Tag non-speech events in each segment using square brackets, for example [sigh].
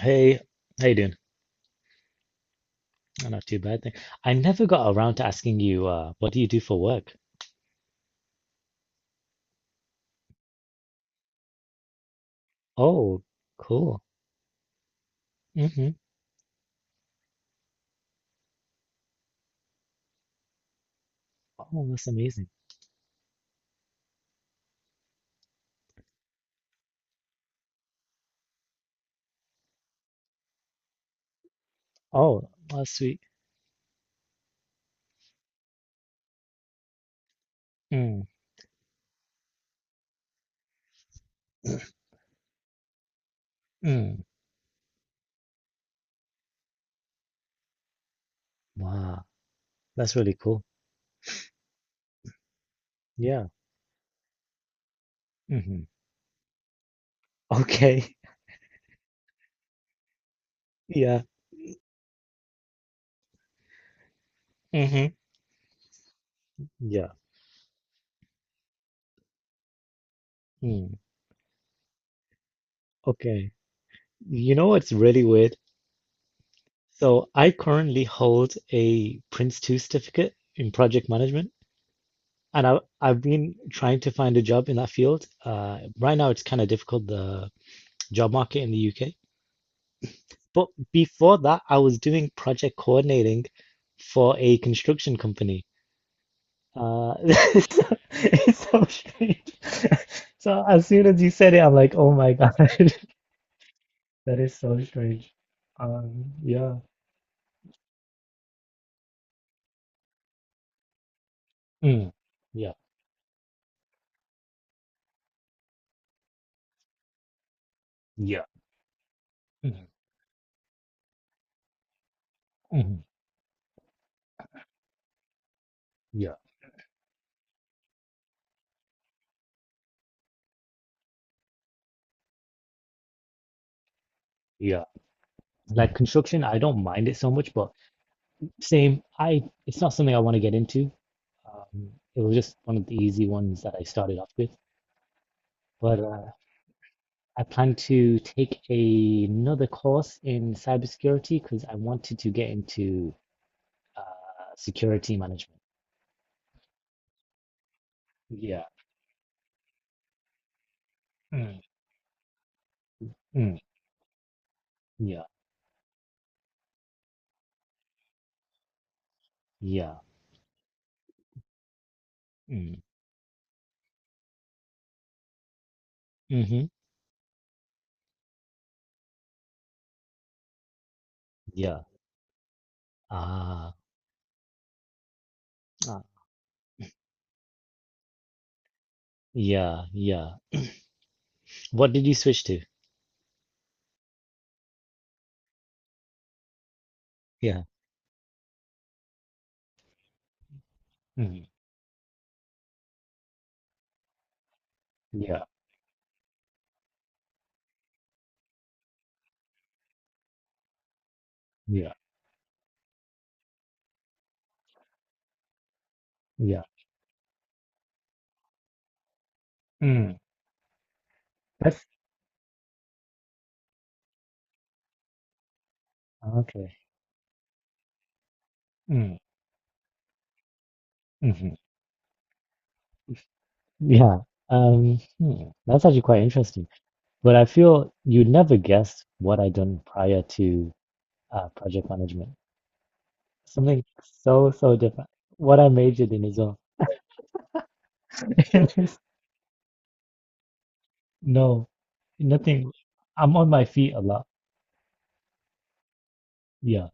Hey, how you doing? Oh, not too bad. Thank. I never got around to asking you, what do you do for work? Oh, cool. Hmm. Oh, that's amazing. Oh, that's sweet. Mm, mm. Wow, that's really cool. Yeah. Hmm. Okay. [laughs] Yeah. Hmm. Yeah. Mm. Okay. You know what's really weird? So I currently hold a Prince 2 certificate in project management. And I've been trying to find a job in that field. Right now, it's kind of difficult. The job market in the UK. But before that, I was doing project coordinating for a construction company. Uh, [laughs] it's so, it's so strange. [laughs] So as soon as you said it, I'm like, oh my God, [laughs] that is so strange. Yeah. Mm, yeah, yeah, mm, mm, yeah, yeah. Like construction, I don't mind it so much, but same, I it's not something I want to get into. Um, it was just one of the easy ones that I started off with. But I plan to take another course in cybersecurity because I wanted to get into uh, security management. Yeah. Mm, mm, yeah. Yeah. Mm, hmm. Yeah. Ah, ah. Yeah. Yeah. What did you switch to? Yeah. Mm, yeah. Yeah. Yeah. Mm. That's okay. Mm, hmm. Yeah. That's actually quite interesting. But I feel you'd never guess what I'd done prior to project management. Something so, so different. What I majored in as well. [laughs] No, nothing. I'm on my feet a lot. Yeah.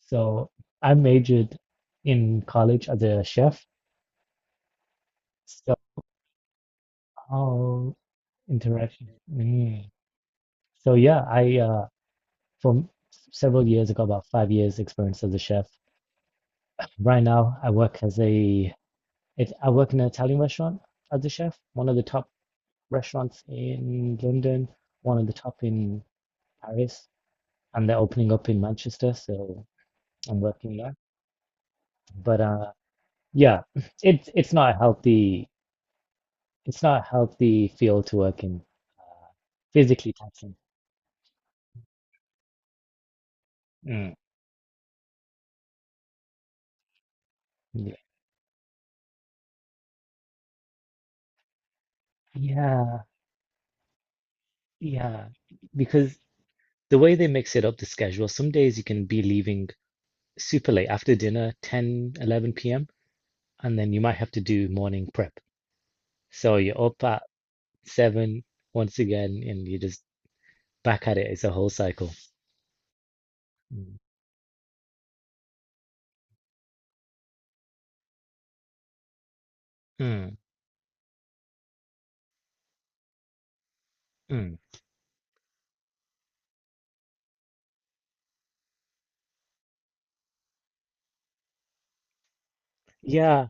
So I majored in college as a chef. So oh, interaction. Mm. So yeah, I for several years, I got about 5 years experience as a chef. Right now, I work in an Italian restaurant as a chef, one of the top restaurants in London, one of the top in Paris. And they're opening up in Manchester, so I'm working there. But yeah, [laughs] it's not a healthy field to work in, physically taxing. Mm. Yeah, yeah, yeah. Because the way they mix it up, the schedule, some days you can be leaving super late after dinner, 10, 11 p.m., and then you might have to do morning prep. So you're up at 7 once again, and you're just back at it. It's a whole cycle. Mm. Mm. Mm. Yeah,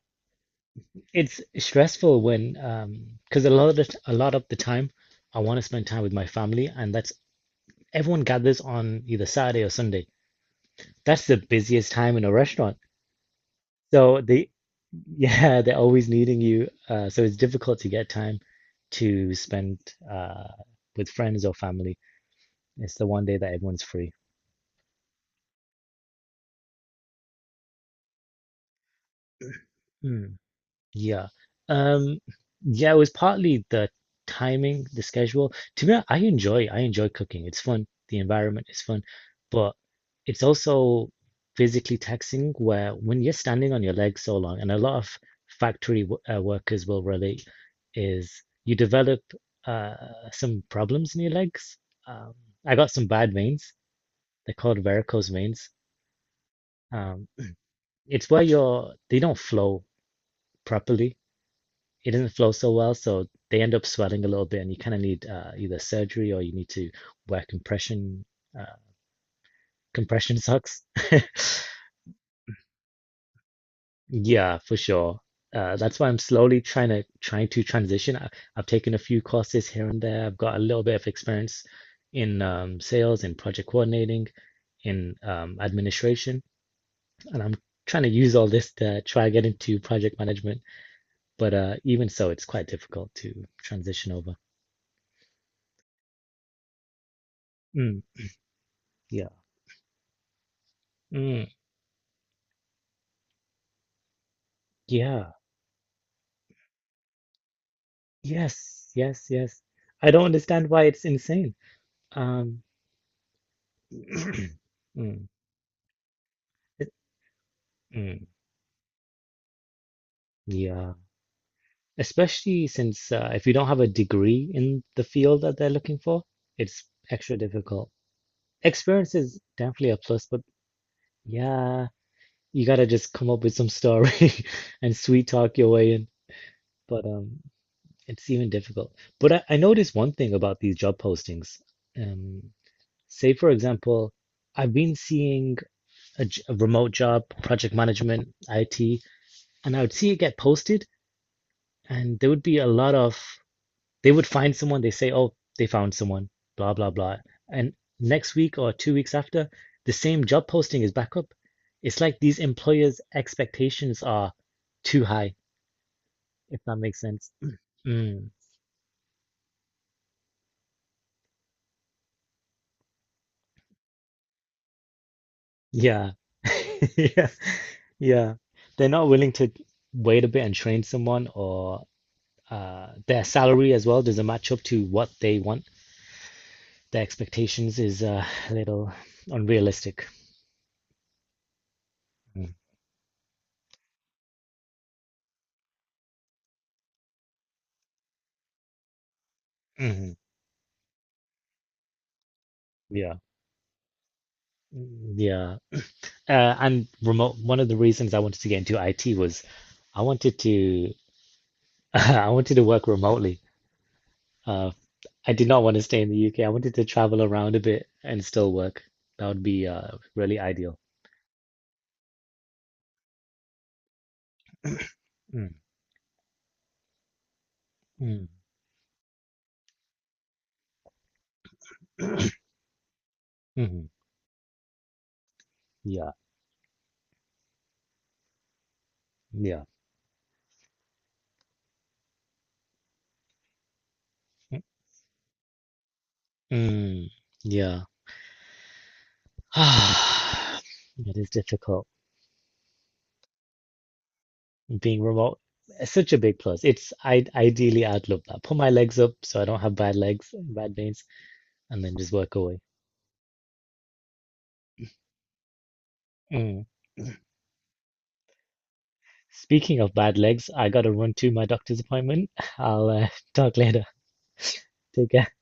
it's stressful when, because a lot of a lot of the time, I want to spend time with my family, and that's everyone gathers on either Saturday or Sunday. That's the busiest time in a restaurant. So they, [laughs] yeah, they're always needing you. So it's difficult to get time to spend uh, with friends or family. It's the one day that everyone's free. Hmm. Yeah. Um, yeah, it was partly the timing, the schedule. To me, I enjoy cooking. It's fun. The environment is fun, but it's also physically taxing where when you're standing on your legs so long, and a lot of factory w workers will relate, is you develop uh, some problems in your legs. Um, I got some bad veins. They're called varicose veins. Um, it's where your they don't flow properly, it doesn't flow so well, so they end up swelling a little bit, and you kind of need either surgery or you need to wear uh, compression socks. [laughs] Yeah, for sure. That's why I'm slowly trying to transition. I've taken a few courses here and there. I've got a little bit of experience in sales, in project coordinating, in administration, and I'm trying to use all this to try to get into project management. But even so, it's quite difficult to transition over. Mm, yeah. Mm, yeah. Yes, yes, yes. I don't understand why it's insane. Um, [clears throat] mm, it- mm, yeah, especially since if you don't have a degree in the field that they're looking for, it's extra difficult. Experience is definitely a plus, but yeah, you gotta just come up with some story [laughs] and sweet talk your way in. But it's even difficult. But I noticed one thing about these job postings. Um, Say for example, I've been seeing. A remote job, project management, IT, and I would see it get posted, and there would be a lot of they would find someone. They say, "Oh, they found someone," blah blah blah, and next week or 2 weeks after, the same job posting is back up. It's like these employers' expectations are too high, if that makes sense. Mm, yeah. [laughs] Yeah. Yeah. They're not willing to wait a bit and train someone, or their salary as well doesn't match up to what they want. The expectations is a little unrealistic. Mhm. Yeah. Yeah. And remote, one of the reasons I wanted to get into IT was I wanted to [laughs] I wanted to work remotely. Uh, I did not want to stay in the UK. I wanted to travel around a bit and still work. That would be really ideal. Mm, mm, mhm, yeah. Yeah. Mm, mm. Yeah. [sighs] It is difficult. Being remote is such a big plus. It's I ideally I'd love that. Put my legs up so I don't have bad legs, bad veins, and then just work away. Mm. Speaking of bad legs, I gotta run to my doctor's appointment. I'll [laughs] talk later. Take care.